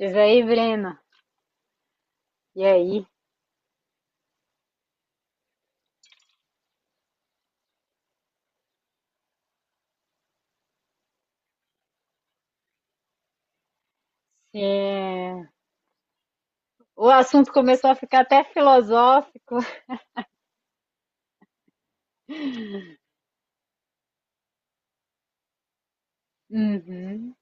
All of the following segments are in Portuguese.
Diz aí, Breno. E aí? É. O assunto começou a ficar até filosófico. Uhum.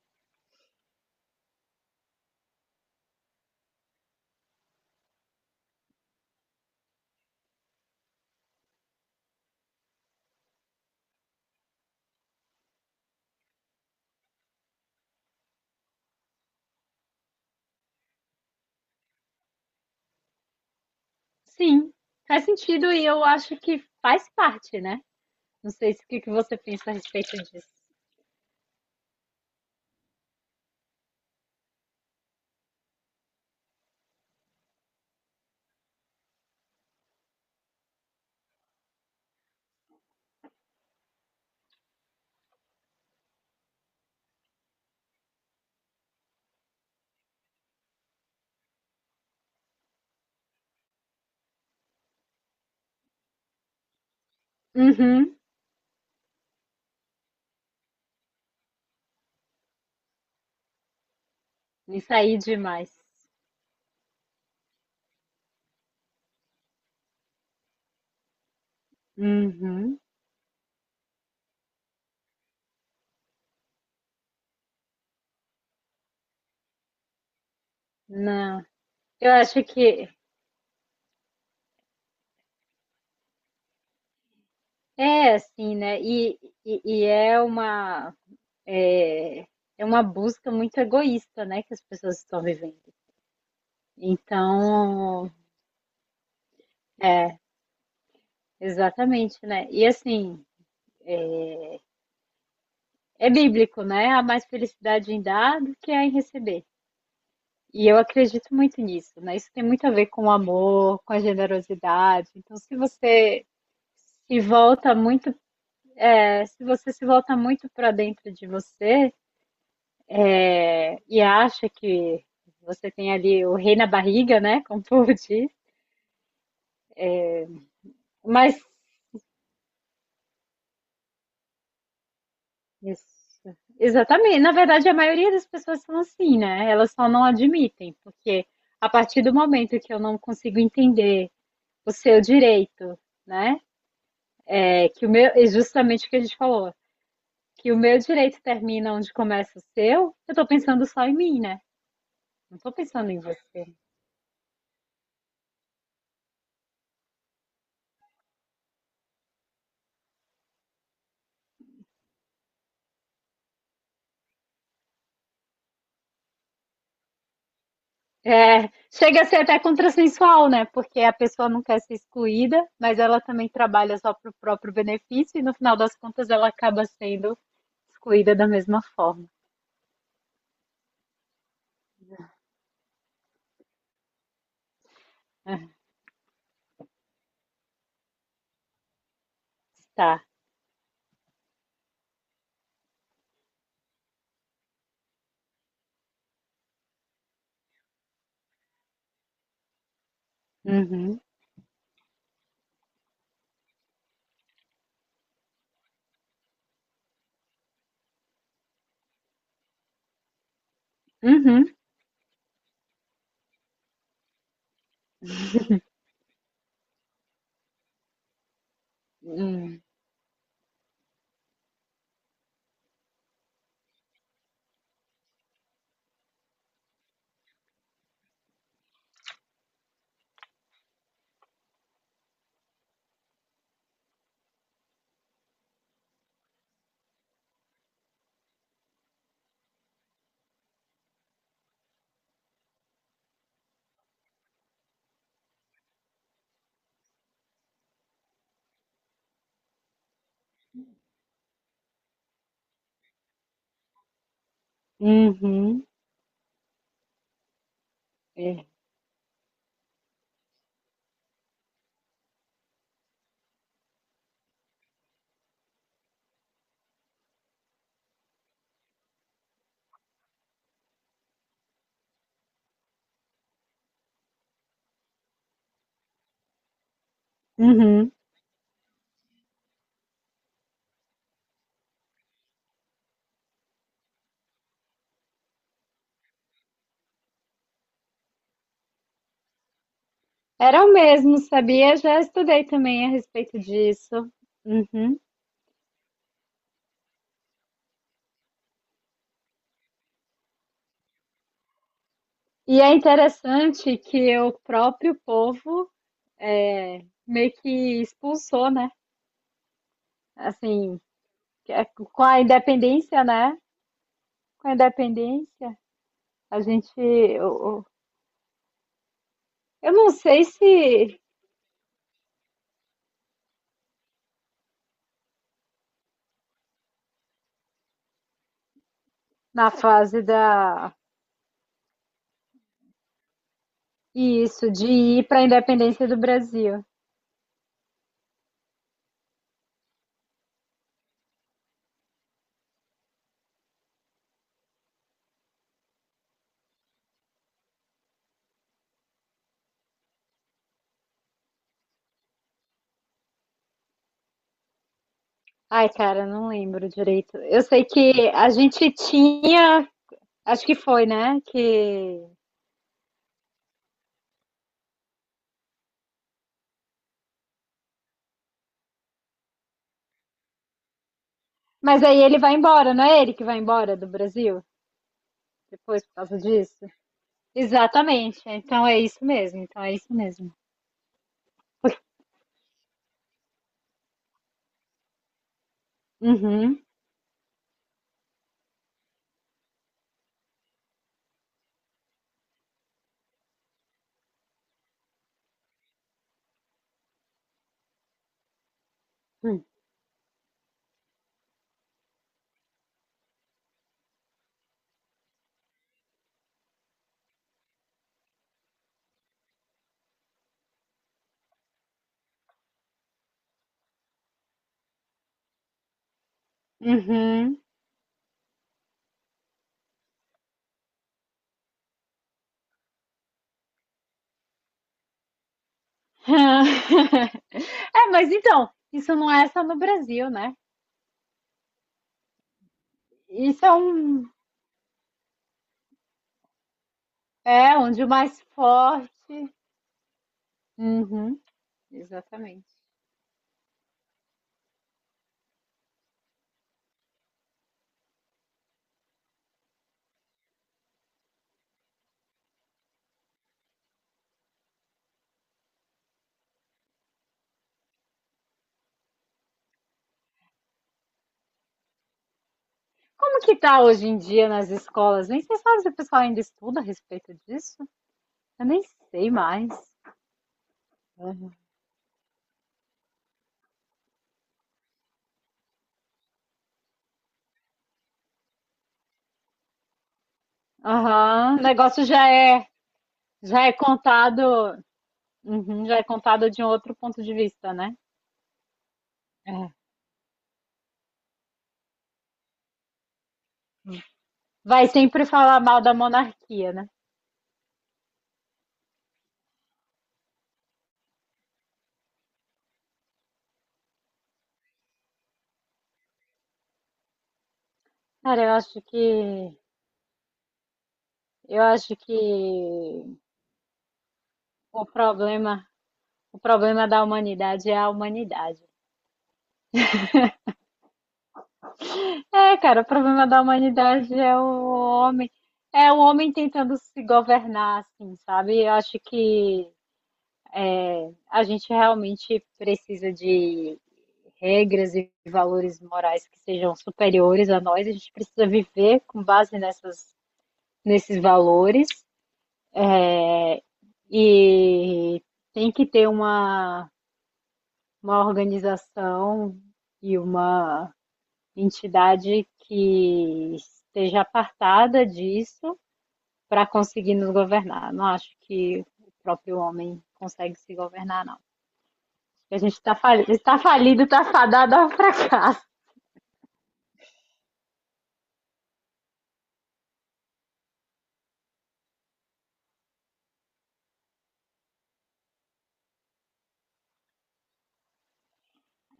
Sim, faz sentido e eu acho que faz parte, né? Não sei se o que você pensa a respeito disso. Uhum. Isso aí demais. Uhum. Não. Eu acho que é assim, né? E é uma é, é uma busca muito egoísta, né, que as pessoas estão vivendo. Então, é. Exatamente, né. E assim, é bíblico, né, há mais felicidade em dar do que há em receber. E eu acredito muito nisso, né, isso tem muito a ver com o amor, com a generosidade, então se você se volta muito, se você se volta muito para dentro de você, e acha que você tem ali o rei na barriga, né, como o povo diz, mas... Isso. Exatamente. Na verdade, a maioria das pessoas são assim, né? Elas só não admitem, porque a partir do momento que eu não consigo entender o seu direito, né? É que o meu, é justamente o que a gente falou, que o meu direito termina onde começa o seu, eu tô pensando só em mim, né? Não tô pensando em você. É, chega a ser até contrassensual, né? Porque a pessoa não quer ser excluída, mas ela também trabalha só pro próprio benefício e no final das contas ela acaba sendo excluída da mesma forma. Né? Tá. Uhum. Uhum. Hum. Uhum. É. Uhum. Era o mesmo, sabia? Já estudei também a respeito disso. Uhum. E é interessante que o próprio povo meio que expulsou, né? Assim, com a independência, né? Com a independência, a gente... eu não sei se na fase da. Isso, de ir para a independência do Brasil. Ai, cara, não lembro direito. Eu sei que a gente tinha, acho que foi, né? Que... Mas aí ele vai embora, não é ele que vai embora do Brasil depois por causa disso? Exatamente. Então é isso mesmo. Então é isso mesmo. Uhum. Uhum. É, mas então, isso não é só no Brasil, né? Isso é um, é onde o mais forte. Uhum. Exatamente. Como que tá hoje em dia nas escolas? Nem sei sabe se o pessoal ainda estuda a respeito disso. Eu nem sei mais. Uhum. Aham. O negócio já é contado, uhum, já é contado de um outro ponto de vista, né? É. Vai sempre falar mal da monarquia, né? Cara, eu acho que o problema, o problema da humanidade é a humanidade. É, cara, o problema da humanidade é o homem tentando se governar, assim, sabe? Eu acho que a gente realmente precisa de regras e valores morais que sejam superiores a nós. A gente precisa viver com base nessas, nesses valores é, e tem que ter uma organização e uma entidade que esteja apartada disso para conseguir nos governar. Não acho que o próprio homem consegue se governar, não. A gente está falido, está falido, está fadado ao fracasso.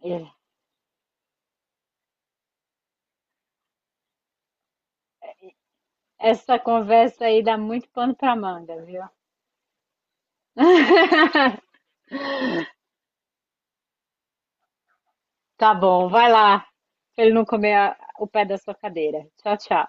É. Essa conversa aí dá muito pano para manga, viu? Tá bom, vai lá, para ele não comer o pé da sua cadeira. Tchau, tchau.